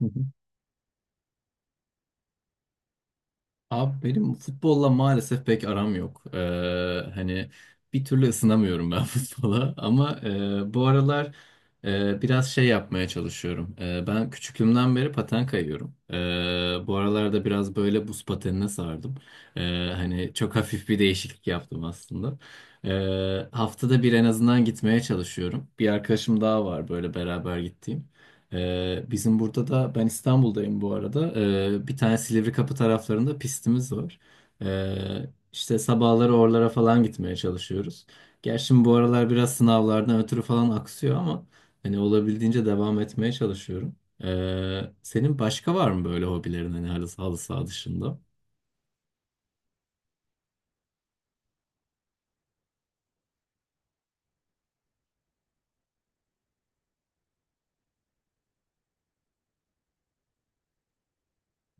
Hı hı. Abi benim futbolla maalesef pek aram yok. Hani bir türlü ısınamıyorum ben futbola ama bu aralar biraz şey yapmaya çalışıyorum. Ben küçüklüğümden beri paten kayıyorum. Bu aralarda biraz böyle buz patenine sardım. E, Hani çok hafif bir değişiklik yaptım aslında. Haftada bir en azından gitmeye çalışıyorum. Bir arkadaşım daha var böyle beraber gittiğim. Bizim burada da ben İstanbul'dayım bu arada. Bir tane Silivri Kapı taraflarında pistimiz var. İşte sabahları oralara falan gitmeye çalışıyoruz. Gerçi bu aralar biraz sınavlardan ötürü falan aksıyor ama hani olabildiğince devam etmeye çalışıyorum. Senin başka var mı böyle hobilerin hani halı saha dışında?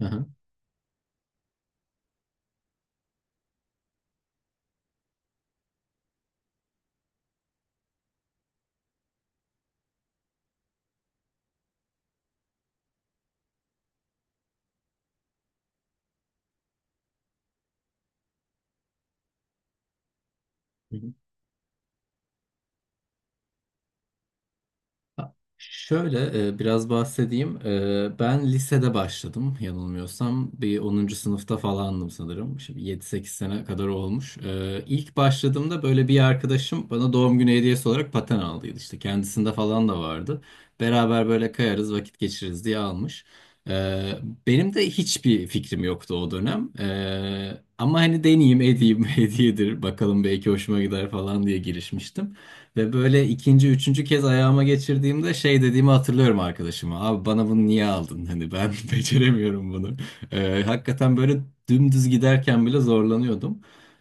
Aha. Ha, şöyle biraz bahsedeyim. Ben lisede başladım yanılmıyorsam. Bir 10. sınıfta falandım sanırım. Şimdi 7-8 sene kadar olmuş. İlk başladığımda böyle bir arkadaşım bana doğum günü hediyesi olarak paten aldıydı. İşte kendisinde falan da vardı. Beraber böyle kayarız vakit geçiririz diye almış. E, Benim de hiçbir fikrim yoktu o dönem. Ama hani deneyeyim edeyim hediyedir bakalım belki hoşuma gider falan diye girişmiştim. Ve böyle ikinci, üçüncü kez ayağıma geçirdiğimde şey dediğimi hatırlıyorum arkadaşıma. Abi bana bunu niye aldın? Hani ben beceremiyorum bunu. Hakikaten böyle dümdüz giderken bile zorlanıyordum.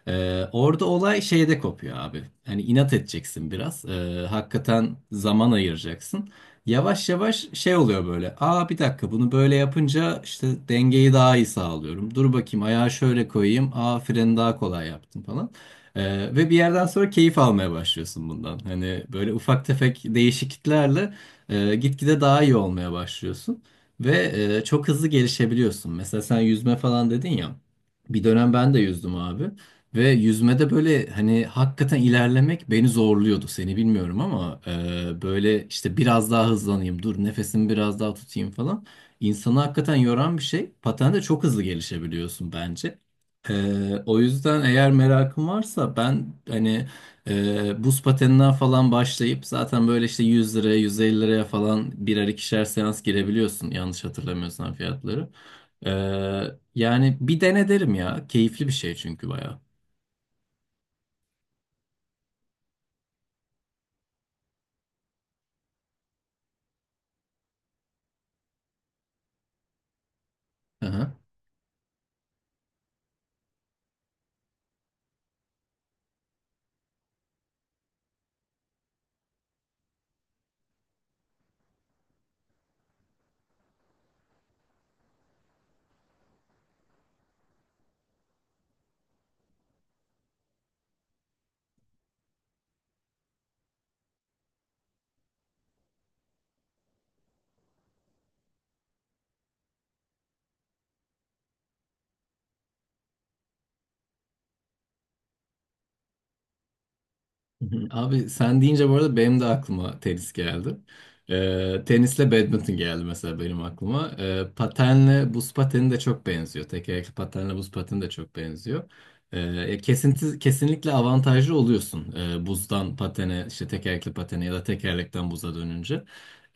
Orada olay şeyde kopuyor abi. Hani inat edeceksin biraz. Hakikaten zaman ayıracaksın. Yavaş yavaş şey oluyor böyle. Aa, bir dakika, bunu böyle yapınca işte dengeyi daha iyi sağlıyorum. Dur bakayım ayağı şöyle koyayım. Aa, freni daha kolay yaptım falan. Ve bir yerden sonra keyif almaya başlıyorsun bundan. Hani böyle ufak tefek değişikliklerle gitgide daha iyi olmaya başlıyorsun. Ve çok hızlı gelişebiliyorsun. Mesela sen yüzme falan dedin ya. Bir dönem ben de yüzdüm abi. Ve yüzmede böyle hani hakikaten ilerlemek beni zorluyordu. Seni bilmiyorum ama böyle işte biraz daha hızlanayım, dur nefesimi biraz daha tutayım falan. İnsanı hakikaten yoran bir şey. Patende çok hızlı gelişebiliyorsun bence. O yüzden eğer merakın varsa ben hani buz pateninden falan başlayıp zaten böyle işte 100 liraya 150 liraya falan birer ikişer seans girebiliyorsun yanlış hatırlamıyorsam fiyatları. Ee, Yani bir dene derim ya, keyifli bir şey çünkü bayağı. Hı hı. Abi sen deyince bu arada benim de aklıma tenis geldi. Tenisle badminton geldi mesela benim aklıma. Patenle buz pateni de çok benziyor. Tekerlekli patenle buz pateni de çok benziyor. Kesinlikle avantajlı oluyorsun. Buzdan patene, işte tekerlekli patene ya da tekerlekten buza dönünce.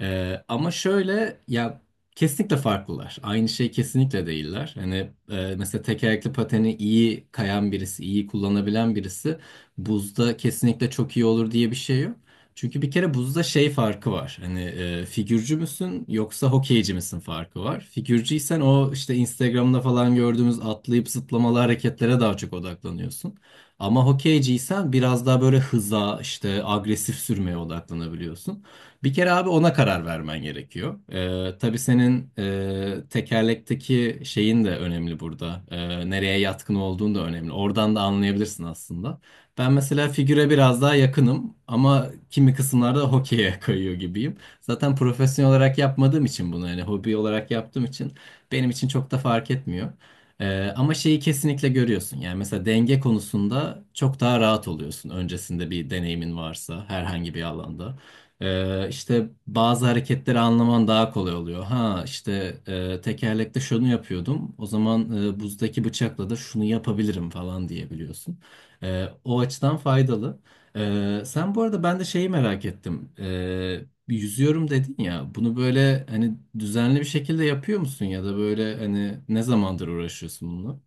Ama şöyle ya, kesinlikle farklılar. Aynı şey kesinlikle değiller. Hani mesela tekerlekli pateni iyi kayan birisi, iyi kullanabilen birisi buzda kesinlikle çok iyi olur diye bir şey yok. Çünkü bir kere buzda şey farkı var. Hani figürcü müsün yoksa hokeyci misin farkı var. Figürcüysen o işte Instagram'da falan gördüğümüz atlayıp zıplamalı hareketlere daha çok odaklanıyorsun. Ama hokeyciysen biraz daha böyle hıza, işte agresif sürmeye odaklanabiliyorsun. Bir kere abi ona karar vermen gerekiyor. Tabii senin tekerlekteki şeyin de önemli burada. Nereye yatkın olduğun da önemli. Oradan da anlayabilirsin aslında. Ben mesela figüre biraz daha yakınım ama kimi kısımlarda hokeye kayıyor gibiyim. Zaten profesyonel olarak yapmadığım için bunu, hani hobi olarak yaptığım için, benim için çok da fark etmiyor. Ama şeyi kesinlikle görüyorsun. Yani mesela denge konusunda çok daha rahat oluyorsun. Öncesinde bir deneyimin varsa herhangi bir alanda. İşte bazı hareketleri anlaman daha kolay oluyor. Ha işte tekerlekte şunu yapıyordum. O zaman buzdaki bıçakla da şunu yapabilirim falan diyebiliyorsun. O açıdan faydalı. Sen bu arada, ben de şeyi merak ettim. Bir yüzüyorum dedin ya. Bunu böyle hani düzenli bir şekilde yapıyor musun ya da böyle hani ne zamandır uğraşıyorsun bununla?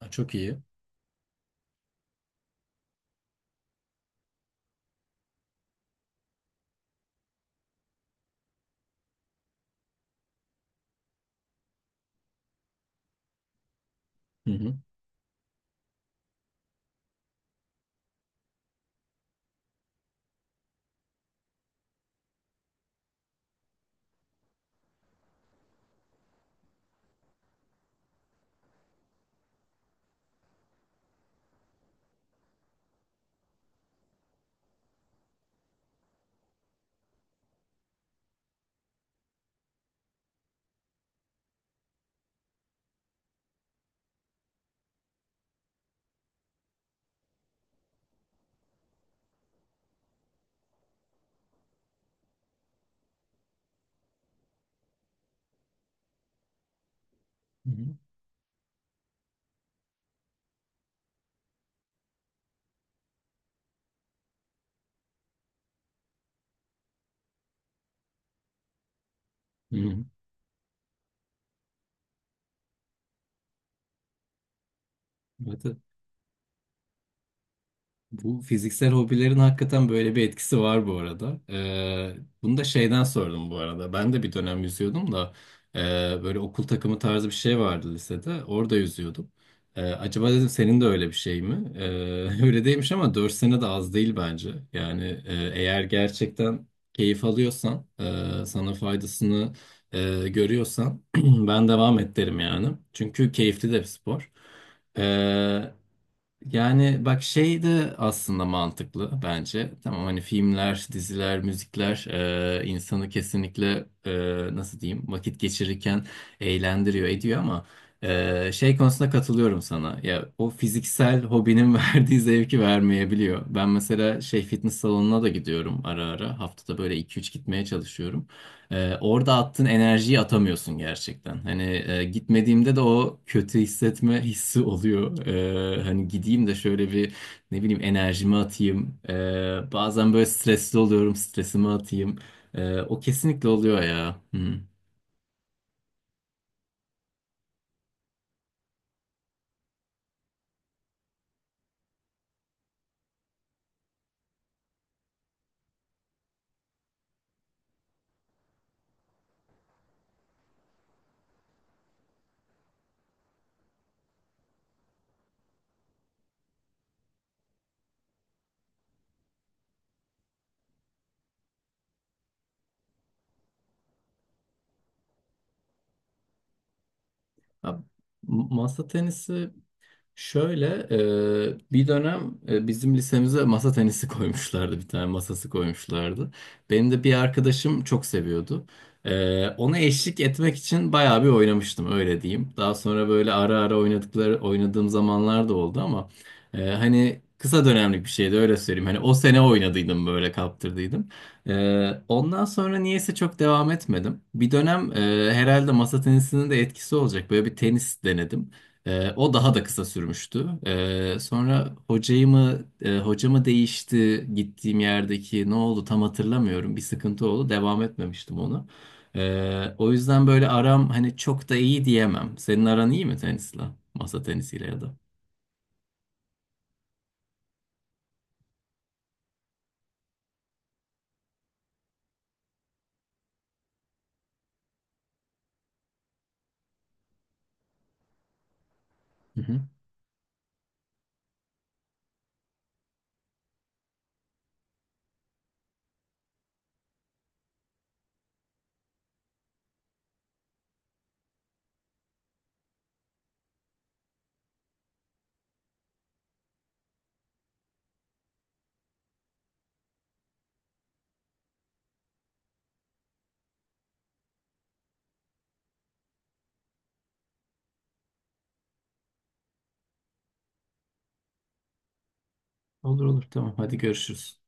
Ha, çok iyi. Hı hı. Hı hı. Hı hı. Evet, evet. Bu fiziksel hobilerin hakikaten böyle bir etkisi var bu arada. Bunu da şeyden sordum bu arada. Ben de bir dönem yüzüyordum da e, böyle okul takımı tarzı bir şey vardı lisede. Orada yüzüyordum. Acaba dedim senin de öyle bir şey mi? Öyle değilmiş ama 4 sene de az değil bence. Yani eğer gerçekten keyif alıyorsan, sana faydasını görüyorsan ben devam et derim yani. Çünkü keyifli de bir spor. Ee, Yani bak şey de aslında mantıklı bence. Tamam, hani filmler, diziler, müzikler insanı kesinlikle nasıl diyeyim vakit geçirirken eğlendiriyor ediyor ama şey konusunda katılıyorum sana. Ya o fiziksel hobinin verdiği zevki vermeyebiliyor. Ben mesela şey, fitness salonuna da gidiyorum ara ara. Haftada böyle iki üç gitmeye çalışıyorum. Orada attığın enerjiyi atamıyorsun gerçekten. Hani gitmediğimde de o kötü hissetme hissi oluyor. Hani gideyim de şöyle bir, ne bileyim, enerjimi atayım. Bazen böyle stresli oluyorum, stresimi atayım. O kesinlikle oluyor ya. Hı. Ya, masa tenisi, şöyle bir dönem bizim lisemize masa tenisi koymuşlardı, bir tane masası koymuşlardı. Benim de bir arkadaşım çok seviyordu. Ona eşlik etmek için bayağı bir oynamıştım, öyle diyeyim. Daha sonra böyle ara ara oynadığım zamanlar da oldu ama hani kısa dönemlik bir şeydi, öyle söyleyeyim. Hani o sene oynadıydım, böyle kaptırdıydım. Ondan sonra niyeyse çok devam etmedim. Bir dönem herhalde masa tenisinin de etkisi olacak, böyle bir tenis denedim. O daha da kısa sürmüştü. Sonra hocayı mı hoca mı değişti gittiğim yerdeki, ne oldu tam hatırlamıyorum. Bir sıkıntı oldu. Devam etmemiştim onu. O yüzden böyle aram hani çok da iyi diyemem. Senin aran iyi mi tenisle? Masa tenisiyle ya da. Hı hı. Olur olur, tamam hadi görüşürüz.